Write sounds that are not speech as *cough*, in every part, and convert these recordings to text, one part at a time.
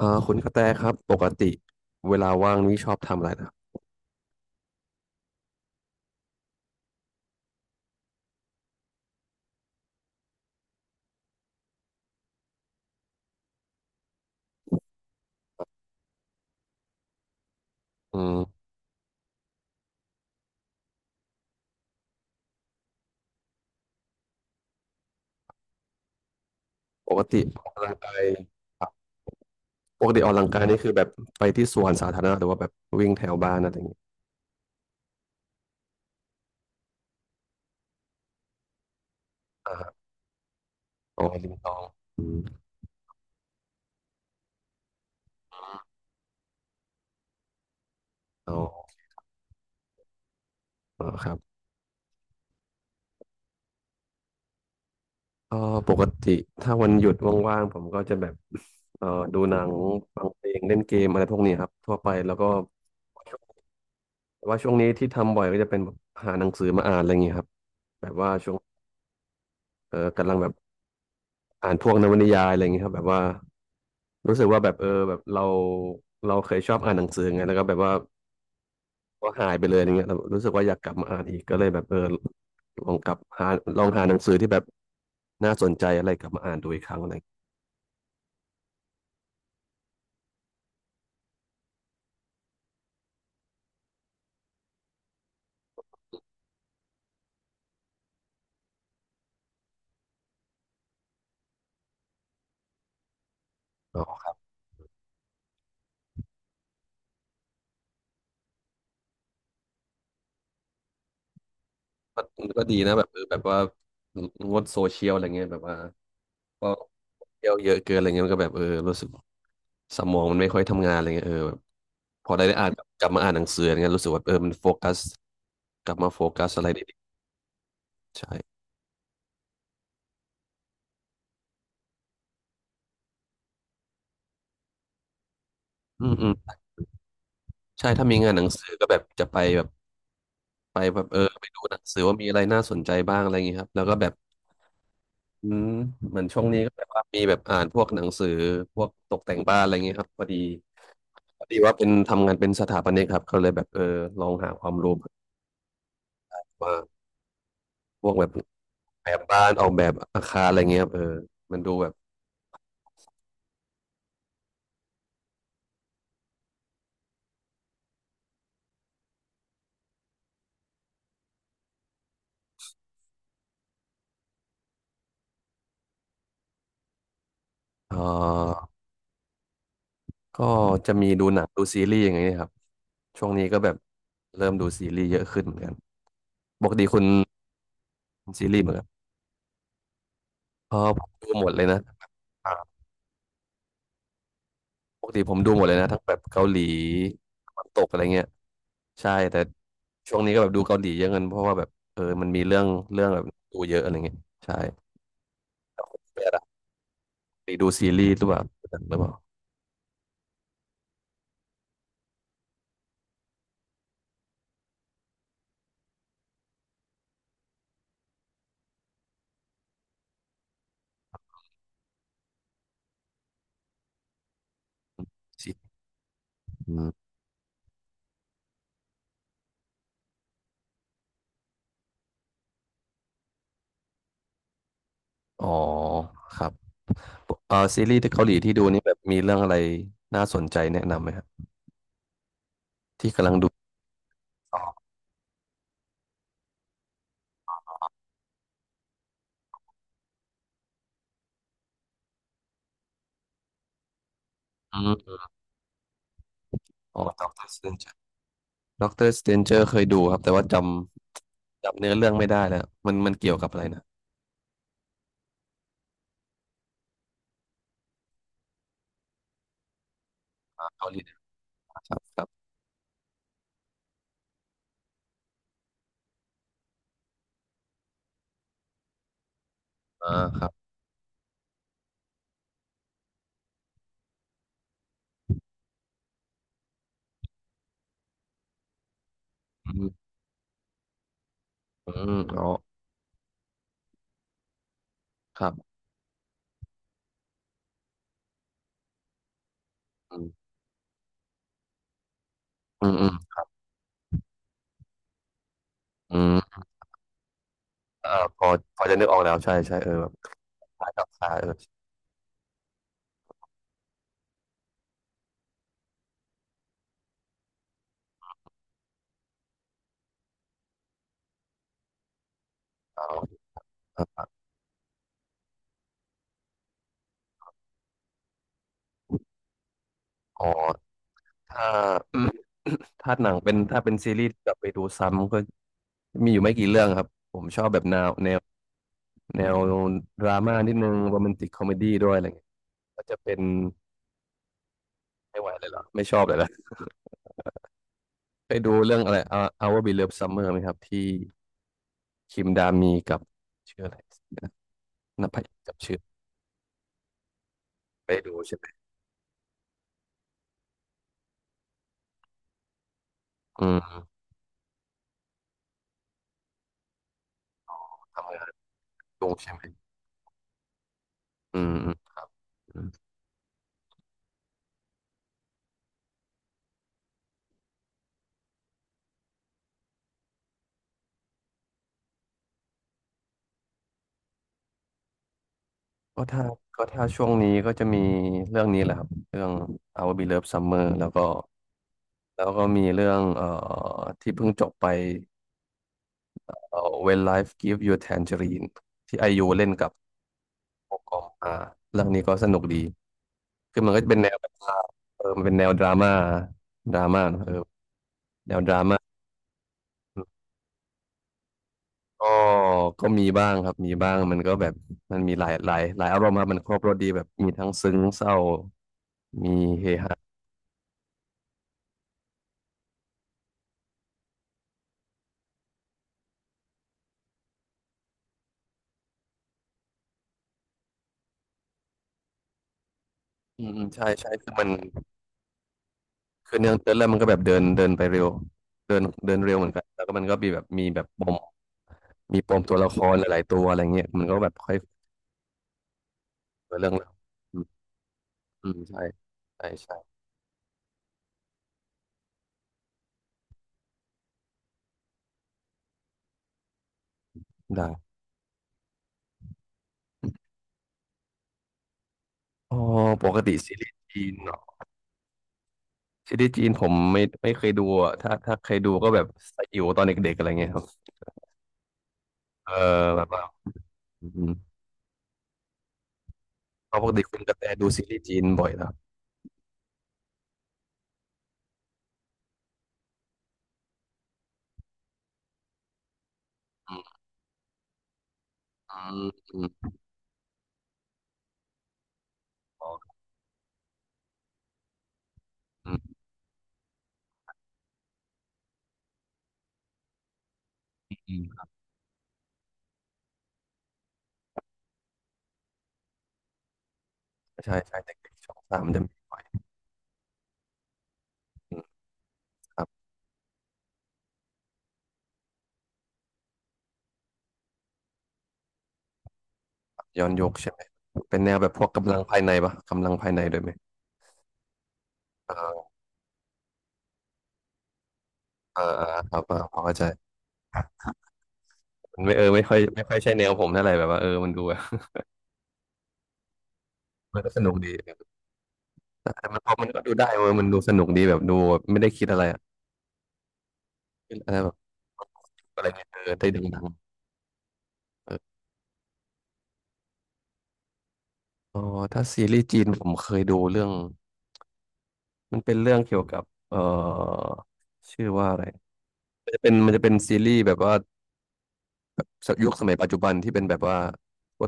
อ่าคุณกระแตครับปกติเวลาว่างนี่ชอบทำอะไรนะครับอืมปกติออกกำลังกายครับปกติออกกำลังกายนี่คือแบบไปที่สวนสาธารณะหรือว่าแบบวิ่งแถวบ้านอะไรอย่างเงี้ยอ่าฮะอ๋อริมคลองอืมอ๋ออ๋อครับเอ่อปกติถ้าวันหยุดว่างๆผมก็จะแบบเอ่อดูหนังฟังเพลงเล่นเกมอะไรพวกนี้ครับทั่วไปแล้วก็แต่ว่าช่วงนี้ที่ทำบ่อยก็จะเป็นแบบหาหนังสือมาอ่านอะไรอย่างเงี้ยครับแบบว่าช่วงกำลังแบบอ่านพวกนวนิยายอะไรอย่างเงี้ยครับแบบว่า รู้สึกว่าแบบเออแบบเราเคยชอบอ่านหนังสือไงแล้วก็แบบว่าก็หายไปเลยอย่างเงี้ยแล้วรู้สึกว่าอยากกลับมาอ่านอีกก็เลยแบบเออลองกลับหาลองหาหนังสือที่แบบน่าสนใจอะไรกลับมาอ่านดูอีกครั้งอะไรอย่างเงี้ยอ๋อก็ก็ดีนะแบบเออแบบว่างดโซเชียลอะไรเงี้ยแบบว่าก็เที่ยวเยอะเกินอะไรเงี้ยมันก็แบบเออรู้สึกสมองมันไม่ค่อยทำงานอะไรเงี้ยเออแบบพอได้ได้อ่านกลับกลับมาอ่านหนังสืออะไรเงี้ยรู้สึกว่าเออมันโฟกัสกลับมาโฟกัสอะไรดีๆใช่อืมอืม ใช่ถ้ามีงานหนังสือก็แบบจะไปแบบไปแบบเออไปดูหนังสือว่ามีอะไรน่าสนใจบ้างอะไรอย่างงี้ครับแล้วก็แบบอืมเหมือนช่วงนี้ก็แบบว่ามีแบบอ่านพวกหนังสือพวกตกแต่งบ้านอะไรอย่างงี้ครับพอดีพอดีว่าเป็นทำงานเป็นสถาปนิกครับก็เลยแบบเออลองหาความรู้ว่าพวกแบบแบบบ้านออกแบบอาคารอะไรเงี้ยครับเออมันดูแบบเออก็จะมีดูหนังดูซีรีส์อย่างเงี้ยครับช่วงนี้ก็แบบเริ่มดูซีรีส์เยอะขึ้นเหมือนกันปกติคุณซีรีส์เหมือนกันพอผมดูหมดเลยนะ ปกติผมดูหมดเลยนะทั้งแบบเกาหลีตะวันตกอะไรเงี้ยใช่แต่ช่วงนี้ก็แบบดูเกาหลีเยอะเงินเพราะว่าแบบเออมันมีเรื่องเรื่องแบบดูเยอะอะไรเงี้ยใช่ไม่อะไรหรือดูซีรีส์หรือเปล่าหรือเปล่าซีอืมอ๋อครับเออซีรีส์ที่เกาหลีที่ดูนี่แบบมีเรื่องอะไรน่าสนใจแนะนำไหมครับที่กำลังดูอ๋ออืมอ๋อด็อกเตอร์สเตนเจอร์ด็อกเตอร์สเตนเจอร์เคยดูครับแต่ว่าจำเนื้อเรื่องไม่ได้แล้วมันเกี่ยวกับอะไรนะเกาหลีนะครับครับอ่าครับอืมอืมอ๋อ ครับ อืมอืมอืมอืมอ่าพอพอจะนึกออกแล้วใช่ใช่เออแบบคล้ายกับคล้ายเออเช้าอ่าอ๋อถ้า *coughs* ถ้าหนังเป็นถ้าเป็นซีรีส์กลับไปดูซ้ำก็มีอยู่ไม่กี่เรื่องครับผมชอบแบบแนวแนวแนวดราม่านิดนึงโรแมนติกคอมเมดี้ด้วยอะไรเงี้ยก็จะเป็นไม่ไหวเลยเหรอไม่ชอบเลยละ *laughs* ไปดูเรื่องอะไร Our Beloved Summer ไหมครับที่คิมดามีกับชื่ออะไรนะนภัสกับชื่อไปดูใช่ไหมอืมทำงานดูใช่ไหมอืมอืม ก็ถ้าก็ถ้าช่วงนี้ก็จะมีเรื่องนี้แหละครับเรื่อง Our Beloved Summer แล้วก็แล้วก็มีเรื่องที่เพิ่งจบไปWhen Life Gives You Tangerine ที่ไอยูเล่นกับโอกอมอาเรื่องนี้ก็สนุกดีคือมันก็จะเป็นแนวแบบว่าเออมันเป็นแนวดราม่าดราม่าเนอะเออแนวดราม่าก็ก็มีบ้างครับมีบ้างมันก็แบบมันมีหลายหลายหลายอารมณ์ครับมันครบรสดีแบบมีทั้งซึ้งเศร้ามีเฮฮาอืมอืมใช่ใช่คือมัน คือเนื้อเนื่องเรื่อมันก็แบบเดินเดินไปเร็วเดินเดินเร็วเหมือนกันแล้วก็มันก็มีแบบมีแบบปมมีปมตัวละครหลายๆตัวอะไรเงี้ยมันก็แบบค่อยเรื่องแล้วอืมอืมใช่ใช่ใช่ได้อ๋อปกติซีรีส์จีนเนาะซีรีส์จีนผมไม่เคยดูอะถ้าเคยดูก็แบบสยิวตอนเด็กๆอะไรเงี้ยครับเออแบบว่าอืมเพราะปกติคุณกระแตดูซีรีส์จีนบ่อยเหรออืมอืมอืมอ๋ออืมอืมใช่ใช่เด็กๆช่องสามจะมีบ่อยอืม ย้อนยุคใช่ไหมเป็นแนวแบบพวกกำลังภายในปะกำลังภายในด้วยไหมอ่าอ่าอ่าครับอ่าพอเข้าใจมันไม่เออไม่ค่อยไม่ค่อยใช่แนวผมเท่าไหร่แบบว่าเออมันดูแบบ *laughs* มันก็สนุกดีแต่แต่มันพอมันก็ดูได้เว้ยมันดูสนุกดีแบบดูแบบไม่ได้คิดอะไรอะอะไรแบบอะไรเงี้ยเออได้ดังๆเอออ๋อถ้าซีรีส์จีนผมเคยดูเรื่องมันเป็นเรื่องเกี่ยวกับชื่อว่าอะไรมันจะเป็นซีรีส์แบบว่ายุคสมัยปัจจุบันที่เป็นแบบว่า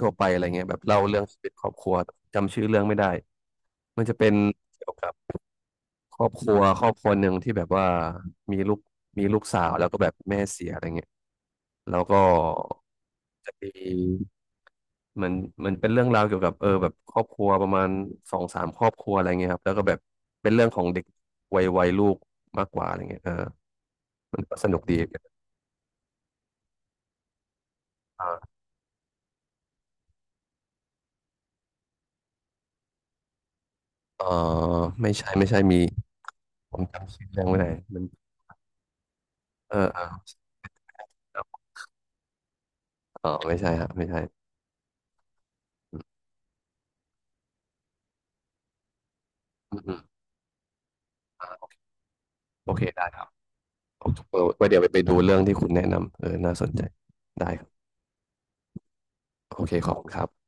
ทั่วๆไปอะไรเงี้ยแบบเล่าเรื่องชีวิตครอบครัวจำชื่อเรื่องไม่ได้ มันจะเป็นเกี่ยวกับครอบครัวหนึ่งที่แบบว่ามีลูกมีลูกสาวแล้วก็แบบแม่เสียอะไรเงี้ยแล้วก็จะมีเหมันเหมันเป็นเรื่องราวเกี่ยวกับเออแบบครอบครัวประมาณสองสามครอบครัวอะไรเงี้ยครับแล้วก็แบบเป็นเรื่องของเด็กวัยลูกมากกว่าอะไรเงี้ยเออมันก็สนุกดีอ่าเออไม่ใช่มีผมจำชื่อเรื่องไม่ได้มันเออเอออ๋อไม่ใช่ฮะไม่ใช่อืมอืมอืมอ่าโอเคได้ครับ ไว้เดี๋ยวไปไปดูเรื่องที่คุณแนะนำเออน่าสนใจได้ครับโอเคขอบคุณครับ